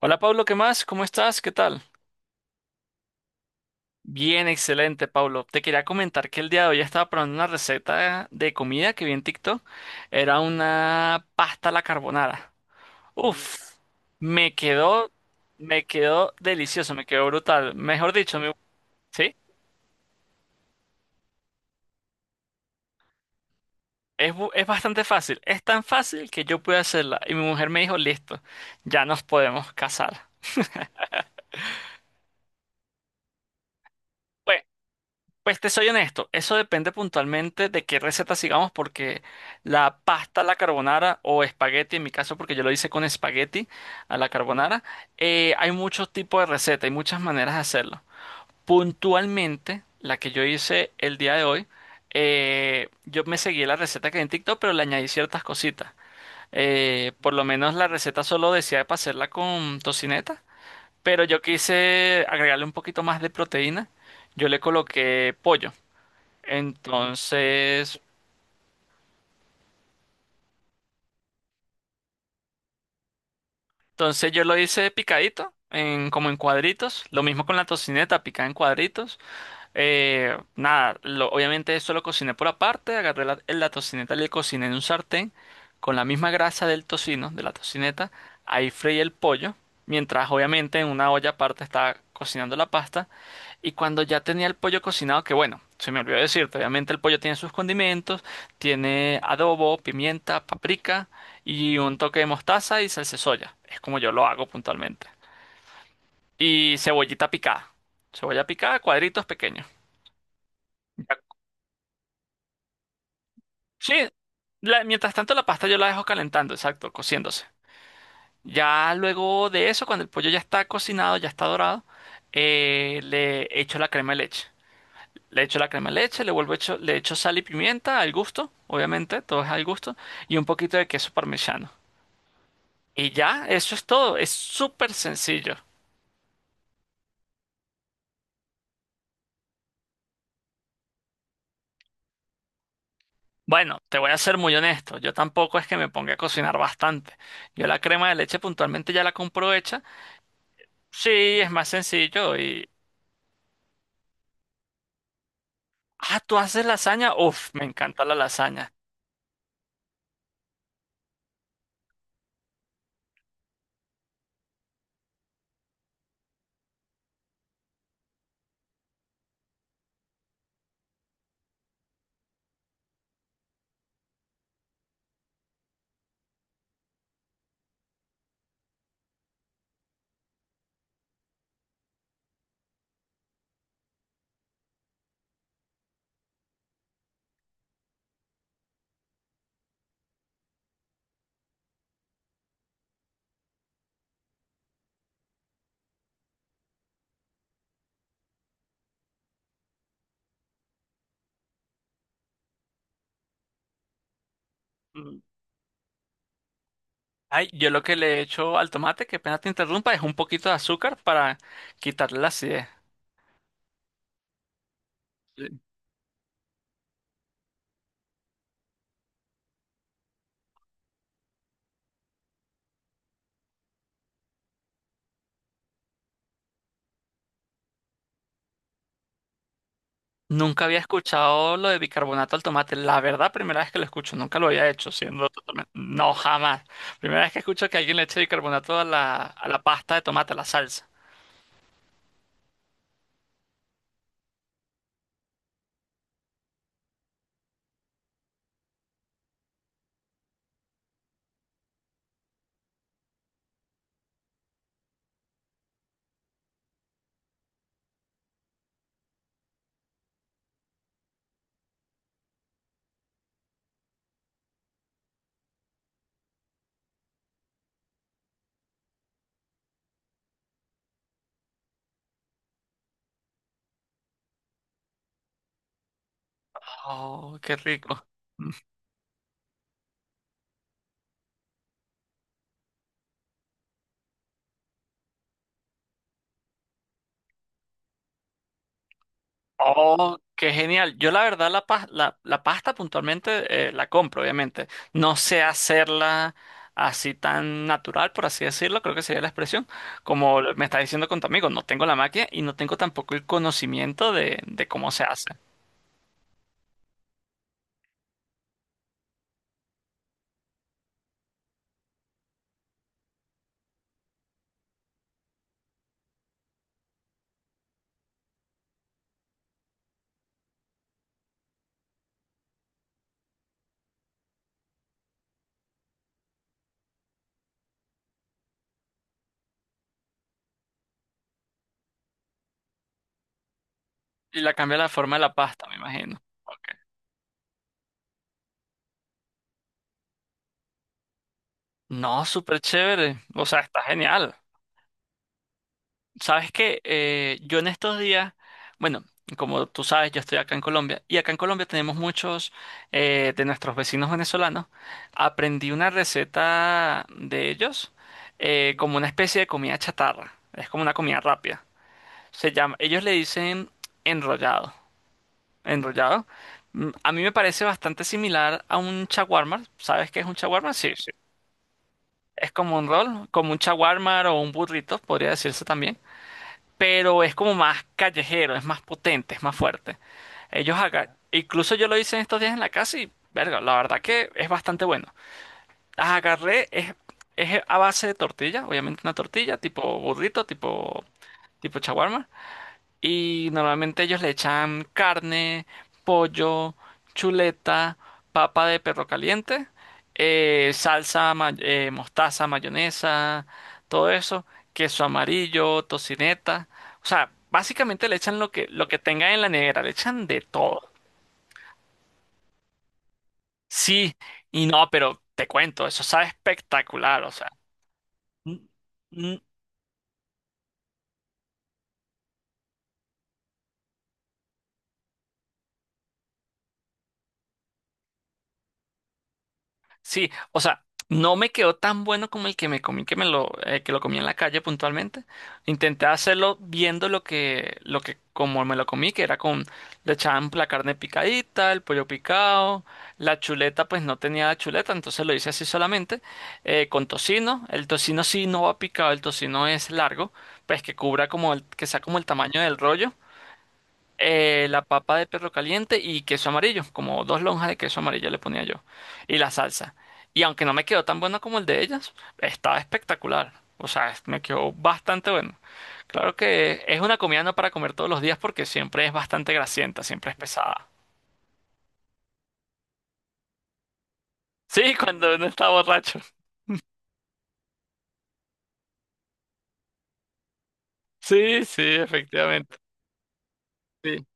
Hola Pablo, ¿qué más? ¿Cómo estás? ¿Qué tal? Bien, excelente, Pablo. Te quería comentar que el día de hoy estaba probando una receta de comida que vi en TikTok. Era una pasta a la carbonara. Uf, me quedó, me quedó delicioso, me quedó brutal. Mejor dicho, sí, es bastante fácil. Es tan fácil que yo pude hacerla. Y mi mujer me dijo, listo, ya nos podemos casar. Bueno, pues te soy honesto, eso depende puntualmente de qué receta sigamos, porque la pasta a la carbonara o espagueti, en mi caso, porque yo lo hice con espagueti a la carbonara, hay muchos tipos de recetas, hay muchas maneras de hacerlo. Puntualmente, la que yo hice el día de hoy, yo me seguí la receta que hay en TikTok, pero le añadí ciertas cositas. Por lo menos la receta solo decía para hacerla con tocineta, pero yo quise agregarle un poquito más de proteína. Yo le coloqué pollo. Entonces, yo lo hice picadito, en, como en cuadritos. Lo mismo con la tocineta, picada en cuadritos. Nada, obviamente esto lo cociné por aparte. Agarré la, tocineta, le cociné en un sartén con la misma grasa del tocino, de la tocineta. Ahí freí el pollo, mientras obviamente en una olla aparte estaba cocinando la pasta. Y cuando ya tenía el pollo cocinado, que bueno, se me olvidó decirte, obviamente el pollo tiene sus condimentos, tiene adobo, pimienta, paprika y un toque de mostaza y salsa de soya. Es como yo lo hago puntualmente. Y cebollita picada. Cebolla picada, cuadritos pequeños. Ya- Sí, mientras tanto la pasta yo la dejo calentando, exacto, cociéndose. Ya luego de eso, cuando el pollo ya está cocinado, ya está dorado, le echo la crema de leche. Le echo la crema de leche, le vuelvo echo, le echo sal y pimienta al gusto, obviamente, todo es al gusto, y un poquito de queso parmesano. Y ya, eso es todo, es súper sencillo. Bueno, te voy a ser muy honesto, yo tampoco es que me ponga a cocinar bastante. Yo la crema de leche puntualmente ya la compro hecha. Sí, es más sencillo y... Ah, ¿tú haces lasaña? Uf, me encanta la lasaña. Mm. Ay, yo lo que le echo al tomate, que pena te interrumpa, es un poquito de azúcar para quitarle la acidez. Nunca había escuchado lo de bicarbonato al tomate. La verdad, primera vez que lo escucho. Nunca lo había hecho, siendo totalmente... No, jamás. Primera vez que escucho que alguien le eche bicarbonato a la, pasta de tomate, a la salsa. Oh, qué rico. Oh, qué genial. Yo la verdad la pasta puntualmente la compro, obviamente. No sé hacerla así tan natural, por así decirlo, creo que sería la expresión. Como me está diciendo con tu amigo, no tengo la máquina y no tengo tampoco el conocimiento de, cómo se hace. Y la cambia la forma de la pasta, me imagino. Ok. No, súper chévere. O sea, está genial. Sabes que yo en estos días, bueno, como tú sabes, yo estoy acá en Colombia y acá en Colombia tenemos muchos de nuestros vecinos venezolanos. Aprendí una receta de ellos como una especie de comida chatarra. Es como una comida rápida. Se llama, ellos le dicen enrollado. Enrollado. A mí me parece bastante similar a un chaguarma. ¿Sabes qué es un chaguarma? Sí, sí. Es como un rol, como un shawarma o un burrito, podría decirse también. Pero es como más callejero, es más potente, es más fuerte. Ellos acá, incluso yo lo hice en estos días en la casa y, verga, la verdad que es bastante bueno. Las agarré, es a base de tortilla, obviamente una tortilla, tipo burrito, tipo shawarma. Y normalmente ellos le echan carne, pollo, chuleta, papa de perro caliente, salsa, mostaza, mayonesa, todo eso, queso amarillo, tocineta. O sea, básicamente le echan lo que tengan en la nevera, le echan de todo. Sí, y no, pero te cuento, eso sabe espectacular, o sea. Mm, sí, o sea, no me quedó tan bueno como el que me comí, que que lo comí en la calle puntualmente. Intenté hacerlo viendo lo que, como me lo comí, que era con, le echaban la carne picadita, el pollo picado, la chuleta, pues no tenía chuleta, entonces lo hice así solamente, con tocino. El tocino sí no va picado, el tocino es largo, pues que cubra como el, que sea como el tamaño del rollo la papa de perro caliente y queso amarillo, como dos lonjas de queso amarillo le ponía yo, y la salsa. Y aunque no me quedó tan bueno como el de ellas, estaba espectacular. O sea, me quedó bastante bueno. Claro que es una comida no para comer todos los días porque siempre es bastante grasienta, siempre es pesada. Sí, cuando uno está borracho. Sí, sí, efectivamente. Sí.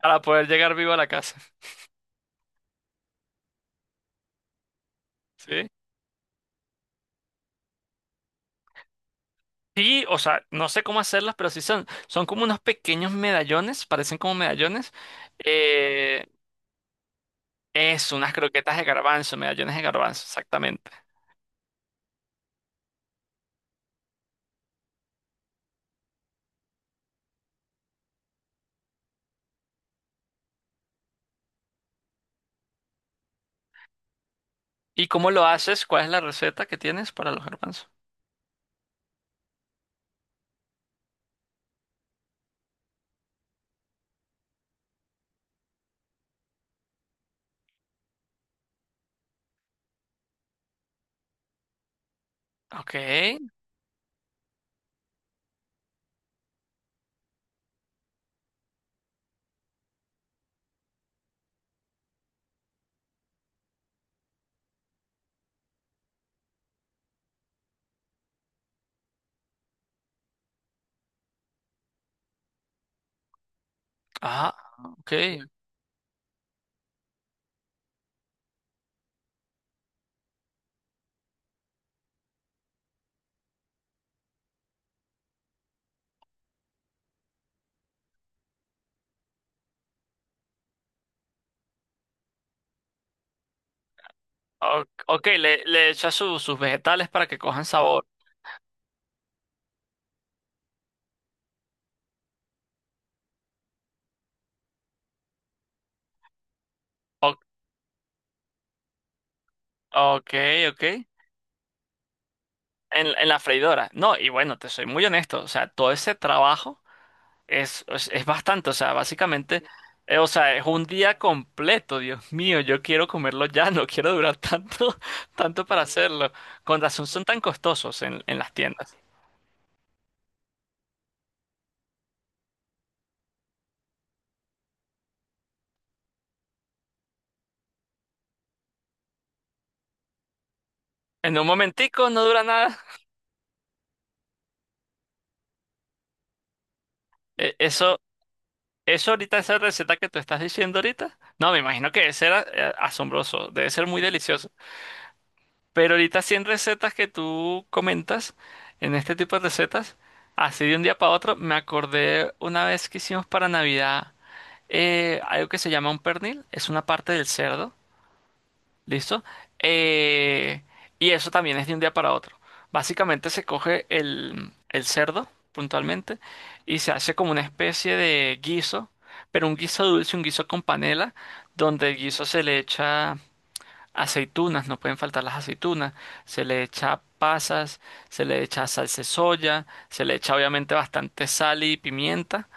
Para poder llegar vivo a la casa. Sí. Sí, o sea, no sé cómo hacerlas, pero sí son como unos pequeños medallones, parecen como medallones, eh, es unas croquetas de garbanzo, medallones de garbanzo, exactamente. ¿Y cómo lo haces? ¿Cuál es la receta que tienes para los garbanzos? Ok, ah, ok. Ok, le echas sus vegetales para que cojan sabor. O- ok, ok. En la freidora. No, y bueno, te soy muy honesto, o sea, todo ese trabajo. Es bastante, o sea, básicamente, o sea, es un día completo, Dios mío, yo quiero comerlo ya, no quiero durar tanto, tanto para hacerlo. Con razón son tan costosos en las tiendas. En un momentico no dura nada. Eh, eso, eso ahorita, esa receta que tú estás diciendo ahorita, no, me imagino que debe ser asombroso, debe ser muy delicioso. Pero ahorita 100 recetas que tú comentas, en este tipo de recetas, así de un día para otro, me acordé una vez que hicimos para Navidad. Algo que se llama un pernil, es una parte del cerdo, ¿listo? Eh, y eso también es de un día para otro. Básicamente se coge el, cerdo, puntualmente, y se hace como una especie de guiso, pero un guiso dulce, un guiso con panela, donde el guiso se le echa aceitunas, no pueden faltar las aceitunas, se le echa pasas, se le echa salsa de soya, se le echa obviamente bastante sal y pimienta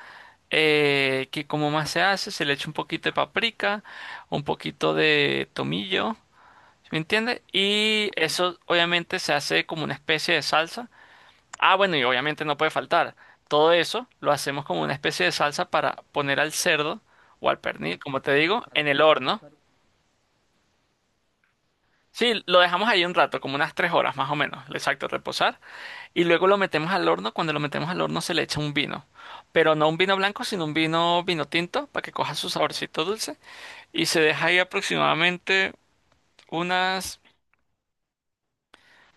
que como más se hace, se le echa un poquito de paprika, un poquito de tomillo, ¿sí? ¿Me entiendes? Y eso obviamente se hace como una especie de salsa. Ah, bueno, y obviamente no puede faltar. Todo eso lo hacemos como una especie de salsa para poner al cerdo o al pernil, como te digo, en el horno. Sí, lo dejamos ahí un rato, como unas 3 horas más o menos, exacto, reposar. Y luego lo metemos al horno. Cuando lo metemos al horno se le echa un vino, pero no un vino blanco, sino un vino tinto para que coja su saborcito dulce. Y se deja ahí aproximadamente unas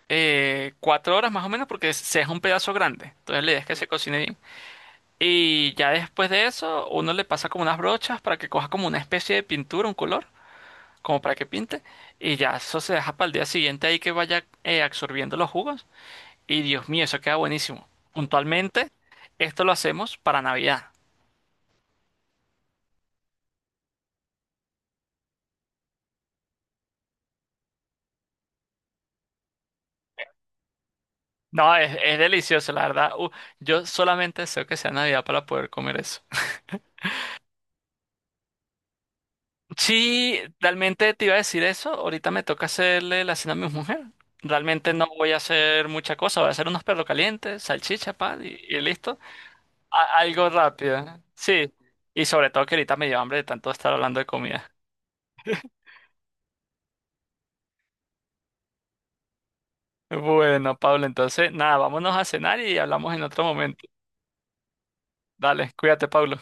4 horas más o menos porque se deja un pedazo grande. Entonces la idea es que se cocine bien. Y ya después de eso, uno le pasa como unas brochas para que coja como una especie de pintura, un color, como para que pinte. Y ya eso se deja para el día siguiente ahí que vaya absorbiendo los jugos. Y Dios mío, eso queda buenísimo. Puntualmente, esto lo hacemos para Navidad. No, es delicioso, la verdad. Yo solamente deseo que sea Navidad para poder comer eso. Sí, realmente te iba a decir eso. Ahorita me toca hacerle la cena a mi mujer. Realmente no voy a hacer mucha cosa. Voy a hacer unos perros calientes, salchicha, pan y listo. Algo rápido. Sí. Y sobre todo que ahorita me dio hambre de tanto estar hablando de comida. Bueno, Pablo, entonces nada, vámonos a cenar y hablamos en otro momento. Dale, cuídate, Pablo.